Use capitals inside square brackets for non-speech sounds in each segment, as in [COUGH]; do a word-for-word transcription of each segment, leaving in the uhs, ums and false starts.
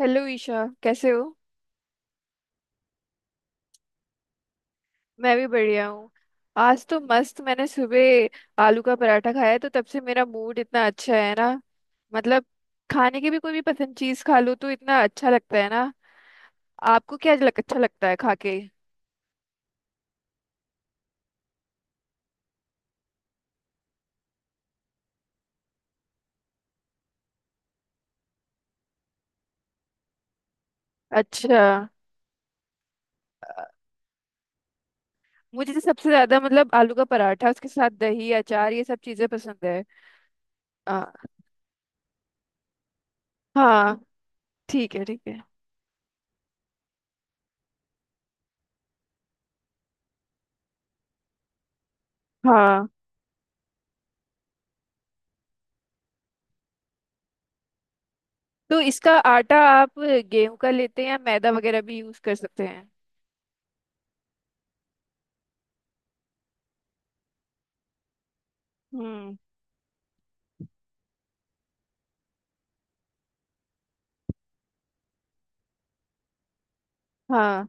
Hello Isha, कैसे हो। मैं भी बढ़िया हूँ। आज तो मस्त, मैंने सुबह आलू का पराठा खाया तो तब से मेरा मूड इतना अच्छा है ना। मतलब, खाने की भी कोई भी पसंद चीज खा लो तो इतना अच्छा लगता है ना। आपको क्या लग, अच्छा लगता है खा के। अच्छा। अ, मुझे तो सबसे ज्यादा मतलब आलू का पराठा, उसके साथ दही अचार, ये सब चीजें पसंद है। आ, हाँ, ठीक है, ठीक है। हाँ, तो इसका आटा आप गेहूं का लेते हैं या मैदा वगैरह भी यूज कर सकते हैं। हम्म। हाँ,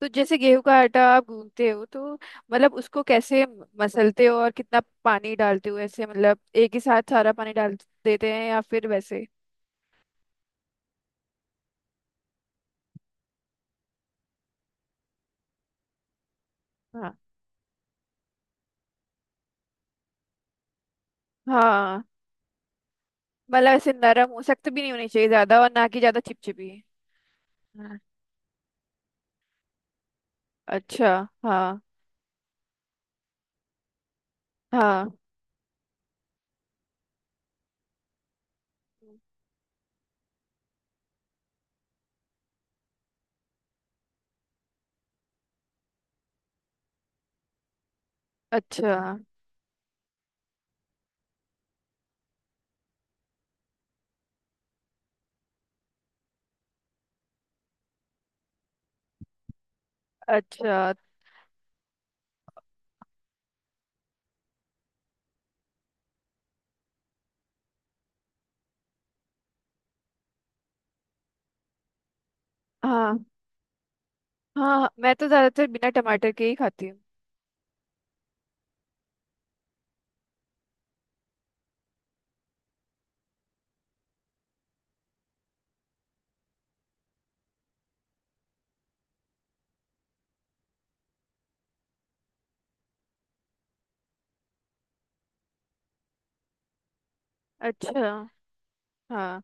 तो जैसे गेहूं का आटा आप गूंथते हो तो मतलब उसको कैसे म- मसलते हो, और कितना पानी डालते हो, ऐसे मतलब एक ही साथ सारा पानी डाल देते हैं या फिर वैसे। हाँ, हाँ, मतलब ऐसे नरम हो, सख्त भी नहीं होनी चाहिए ज्यादा, और ना कि ज्यादा चिपचिपी। हाँ। अच्छा। हाँ। हाँ। अच्छा। अच्छा। हाँ। हाँ, मैं तो ज्यादातर बिना टमाटर के ही खाती हूँ। अच्छा। हाँ।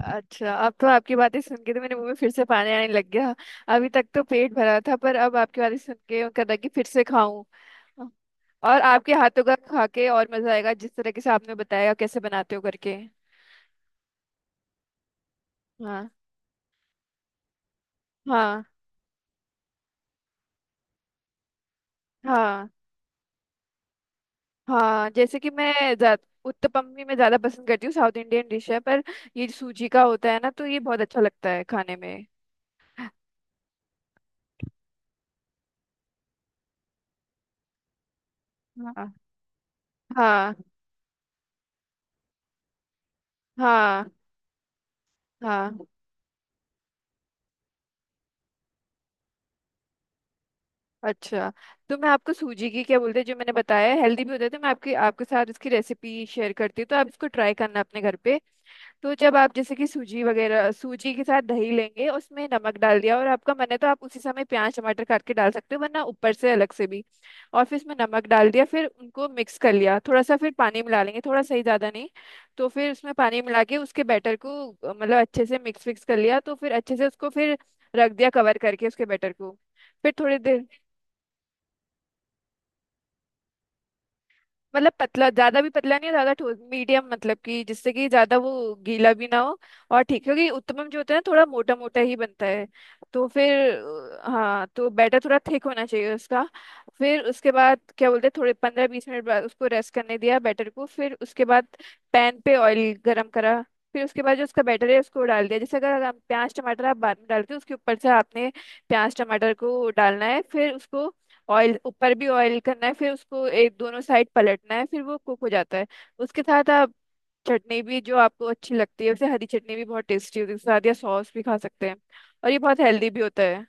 अच्छा, अब तो आपकी बातें सुन के तो मेरे मुंह में फिर से पानी आने लग गया। अभी तक तो पेट भरा था, पर अब आपकी बातें सुन के मन कर रहा है कि फिर से खाऊं। और आपके हाथों का खा के और मजा आएगा, जिस तरीके से आपने बताया कैसे बनाते हो करके। हाँ। हाँ। हाँ। हाँ, जैसे कि मैं ज्या- उत्तपम भी मैं ज्यादा पसंद करती हूँ, साउथ इंडियन डिश है पर ये सूजी का होता है ना, तो ये बहुत अच्छा लगता है खाने में। हाँ। हाँ। हाँ। हाँ। अच्छा, तो मैं आपको सूजी की क्या बोलते हैं जो मैंने बताया हेल्दी भी होते थे, मैं आपकी आपके साथ इसकी रेसिपी शेयर करती हूँ, तो आप इसको ट्राई करना अपने घर पे। तो जब आप जैसे कि सूजी वगैरह सूजी के साथ दही लेंगे, उसमें नमक डाल दिया, और आपका मन है तो आप उसी समय प्याज टमाटर काट के डाल सकते हो, वरना ऊपर से अलग से भी। और फिर इसमें नमक डाल दिया, फिर उनको मिक्स कर लिया थोड़ा सा, फिर पानी मिला लेंगे थोड़ा सही, ज़्यादा नहीं। तो फिर उसमें पानी मिला के उसके बैटर को अ, मतलब अच्छे से मिक्स फिक्स कर लिया, तो फिर अच्छे से उसको फिर रख दिया कवर करके, उसके बैटर को फिर थोड़ी देर। मतलब पतला, ज्यादा भी पतला नहीं और ज्यादा ठोस, मीडियम मतलब कि जिससे कि ज्यादा वो गीला भी ना हो। और ठीक है, क्योंकि उत्तपम जो होता है ना थोड़ा मोटा मोटा ही बनता है। तो फिर अ, हाँ, तो बैटर थोड़ा थिक होना चाहिए उसका। फिर उसके बाद क्या बोलते हैं, थोड़े पंद्रह बीस मिनट बाद उसको रेस्ट करने दिया, बैटर को। फिर उसके बाद पैन पे ऑयल गरम करा। फिर उसके बाद जो उसका बैटर है उसको डाल दिया, जैसे अगर हम प्याज टमाटर आप बाद में डालते हो, उसके ऊपर से आपने प्याज टमाटर को डालना है, फिर उसको ऑयल, ऊपर भी ऑयल करना है, फिर उसको एक दोनों साइड पलटना है, फिर वो कुक हो जाता है। उसके साथ आप चटनी भी जो आपको अच्छी लगती है उसे, हरी चटनी भी बहुत टेस्टी होती है उसके साथ, या सॉस भी खा सकते हैं। और ये बहुत हेल्दी भी होता है।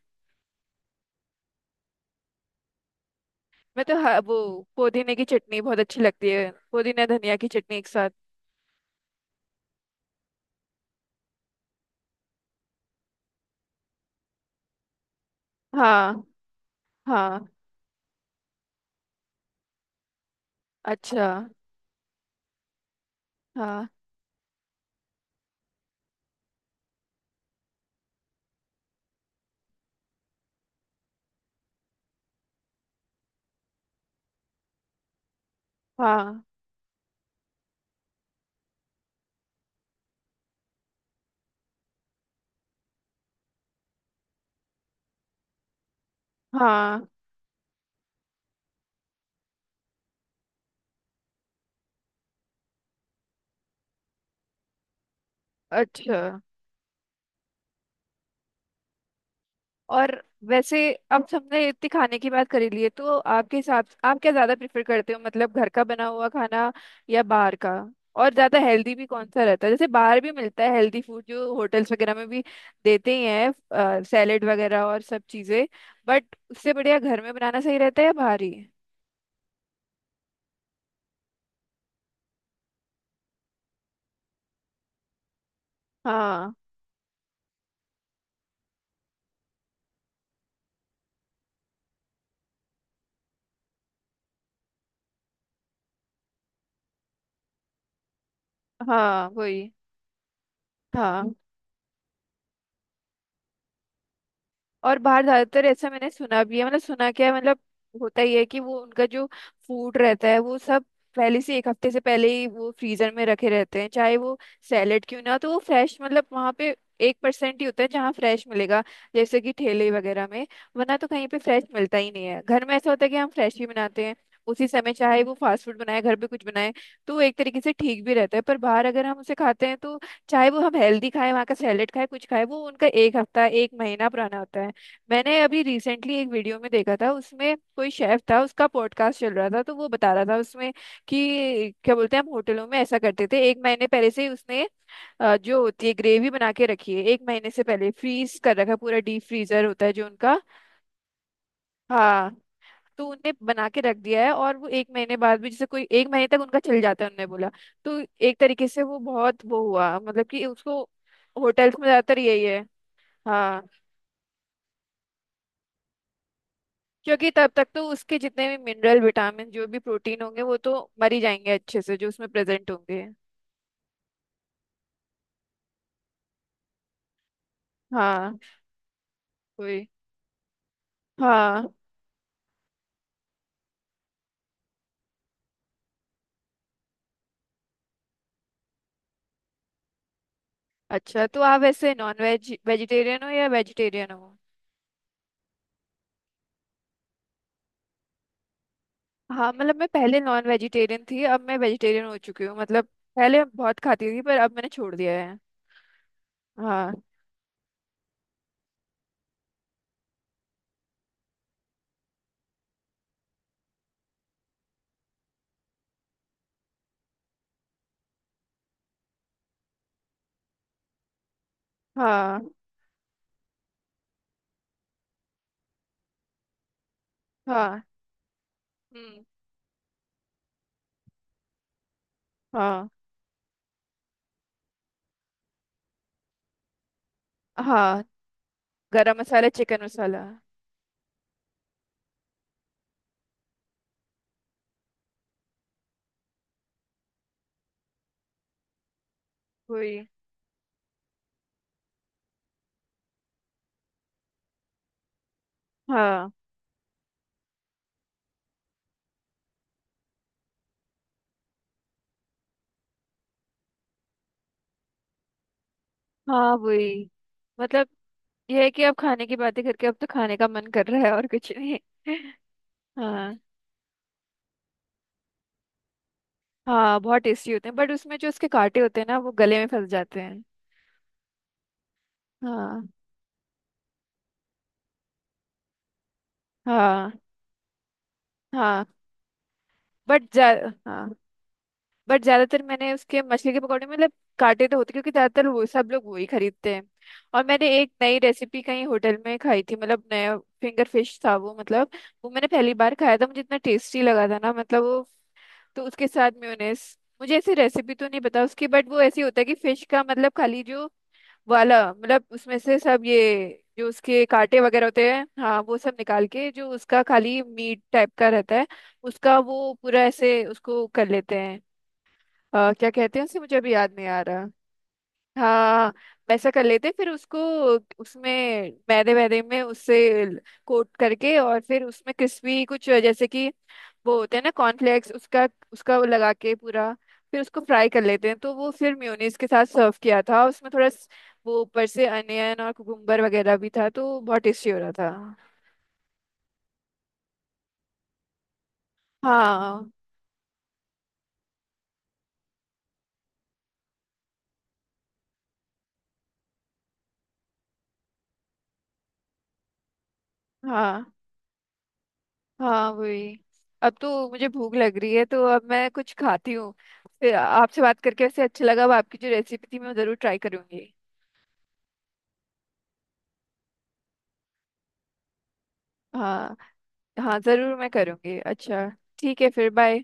मैं तो ह- वो पुदीने की चटनी बहुत अच्छी लगती है, पुदीना धनिया की चटनी एक साथ। हाँ। हाँ। अच्छा। हाँ। हाँ। हाँ। अच्छा। और वैसे, अब हमने इतनी खाने की बात करी ली है, तो आपके हिसाब आप क्या ज्यादा प्रेफर करते हो, मतलब घर का बना हुआ खाना या बाहर का। और ज्यादा हेल्दी भी कौन सा रहता है, जैसे बाहर भी मिलता है हेल्दी फूड, जो होटल्स वगैरह में भी देते ही हैं, सैलेड वगैरह और सब चीजें। बट उससे बढ़िया घर में बनाना सही रहता है या बाहर ही। हाँ। हाँ, वही। हाँ। और बाहर ज्यादातर ऐसा मैंने सुना भी है, मतलब सुना क्या है, मतलब होता ही है कि वो उनका जो फूड रहता है वो सब पहले से एक हफ्ते से पहले ही वो फ्रीजर में रखे रहते हैं, चाहे वो सैलेड क्यों ना हो। तो वो फ्रेश मतलब वहाँ पे एक परसेंट ही होता है जहाँ फ्रेश मिलेगा, जैसे कि ठेले वगैरह में। वरना तो कहीं पे फ्रेश मिलता ही नहीं है। घर में ऐसा होता है कि हम फ्रेश ही बनाते हैं उसी समय, चाहे वो फास्ट फूड बनाए, घर पे कुछ बनाए। तो वो एक तरीके से ठीक भी रहता है, पर बाहर अगर हम उसे खाते हैं तो, चाहे वो हम हेल्दी खाएं, वहाँ का सैलेड खाएं, कुछ खाएं, वो उनका एक हफ्ता एक महीना पुराना होता है। मैंने अभी रिसेंटली एक वीडियो में देखा था, उसमें कोई शेफ था, उसका पॉडकास्ट चल रहा था, तो वो बता रहा था उसमें कि क्या बोलते हैं, हम होटलों में ऐसा करते थे, एक महीने पहले से ही उसने अ, जो होती है ग्रेवी बना के रखी है, एक महीने से पहले फ्रीज कर रखा है, पूरा डीप फ्रीजर होता है जो उनका। हाँ, तो उनने बना के रख दिया है, और वो एक महीने बाद भी, जैसे कोई एक महीने तक उनका चल जाता है, उनने बोला। तो एक तरीके से वो बहुत वो हुआ मतलब कि उसको, होटल्स में ज्यादातर यही है। हाँ। क्योंकि तब तक तो उसके जितने भी मिनरल विटामिन जो भी प्रोटीन होंगे वो तो मर ही जाएंगे अच्छे से, जो उसमें प्रेजेंट होंगे। हाँ। कोई। हाँ। अच्छा, तो आप वैसे नॉन वेज वेजिटेरियन हो या वेजिटेरियन हो। हाँ, मतलब मैं पहले नॉन वेजिटेरियन थी, अब मैं वेजिटेरियन हो चुकी हूँ। मतलब पहले बहुत खाती थी, पर अब मैंने छोड़ दिया है। हाँ। हाँ। हाँ। हम्म। हाँ। हाँ। गरम मसाला, चिकन मसाला। वही। हाँ। हाँ, वही मतलब यह है कि अब खाने की बातें करके अब तो खाने का मन कर रहा है, और कुछ नहीं। [LAUGHS] हाँ। हाँ, बहुत टेस्टी होते हैं, बट उसमें जो उसके कांटे होते हैं ना वो गले में फंस जाते हैं। हाँ। हाँ। हाँ। बट जा हाँ, बट ज्यादातर मैंने उसके मछली के पकौड़े में मतलब कांटे तो होते, क्योंकि ज्यादातर वो सब लोग वही खरीदते हैं। और मैंने एक नई रेसिपी कहीं होटल में खाई थी, मतलब नया फिंगर फिश था वो, मतलब वो मैंने पहली बार खाया था, मुझे इतना टेस्टी लगा था ना, मतलब वो। तो उसके साथ म्योनेस, मुझे ऐसी रेसिपी तो नहीं पता उसकी, बट वो ऐसी होता है कि फिश का मतलब खाली जो वाला, मतलब उसमें से सब ये जो उसके कांटे वगैरह होते हैं हाँ, वो सब निकाल के जो उसका खाली मीट टाइप का रहता है, उसका वो पूरा ऐसे उसको कर लेते हैं। अ, क्या कहते हैं उसे, मुझे अभी याद नहीं आ रहा। हाँ। वैसा कर लेते हैं, फिर उसको उसमें मैदे वैदे में उससे कोट करके, और फिर उसमें क्रिस्पी कुछ, जैसे कि वो होते हैं ना कॉर्नफ्लेक्स, उसका उसका वो लगा के पूरा, फिर उसको फ्राई कर लेते हैं, तो वो फिर मेयोनीज के साथ सर्व किया था, उसमें थोड़ा स- वो ऊपर से अनियन और कुकुम्बर वगैरह भी था, तो बहुत टेस्टी हो रहा था। हाँ। हाँ। हाँ, वही। अब तो मुझे भूख लग रही है, तो अब मैं कुछ खाती हूँ। फिर आपसे बात करके वैसे अच्छा लगा, अब आपकी जो रेसिपी थी मैं जरूर ट्राई करूंगी। हाँ। हाँ, जरूर मैं करूंगी। अच्छा। ठीक है, फिर बाय।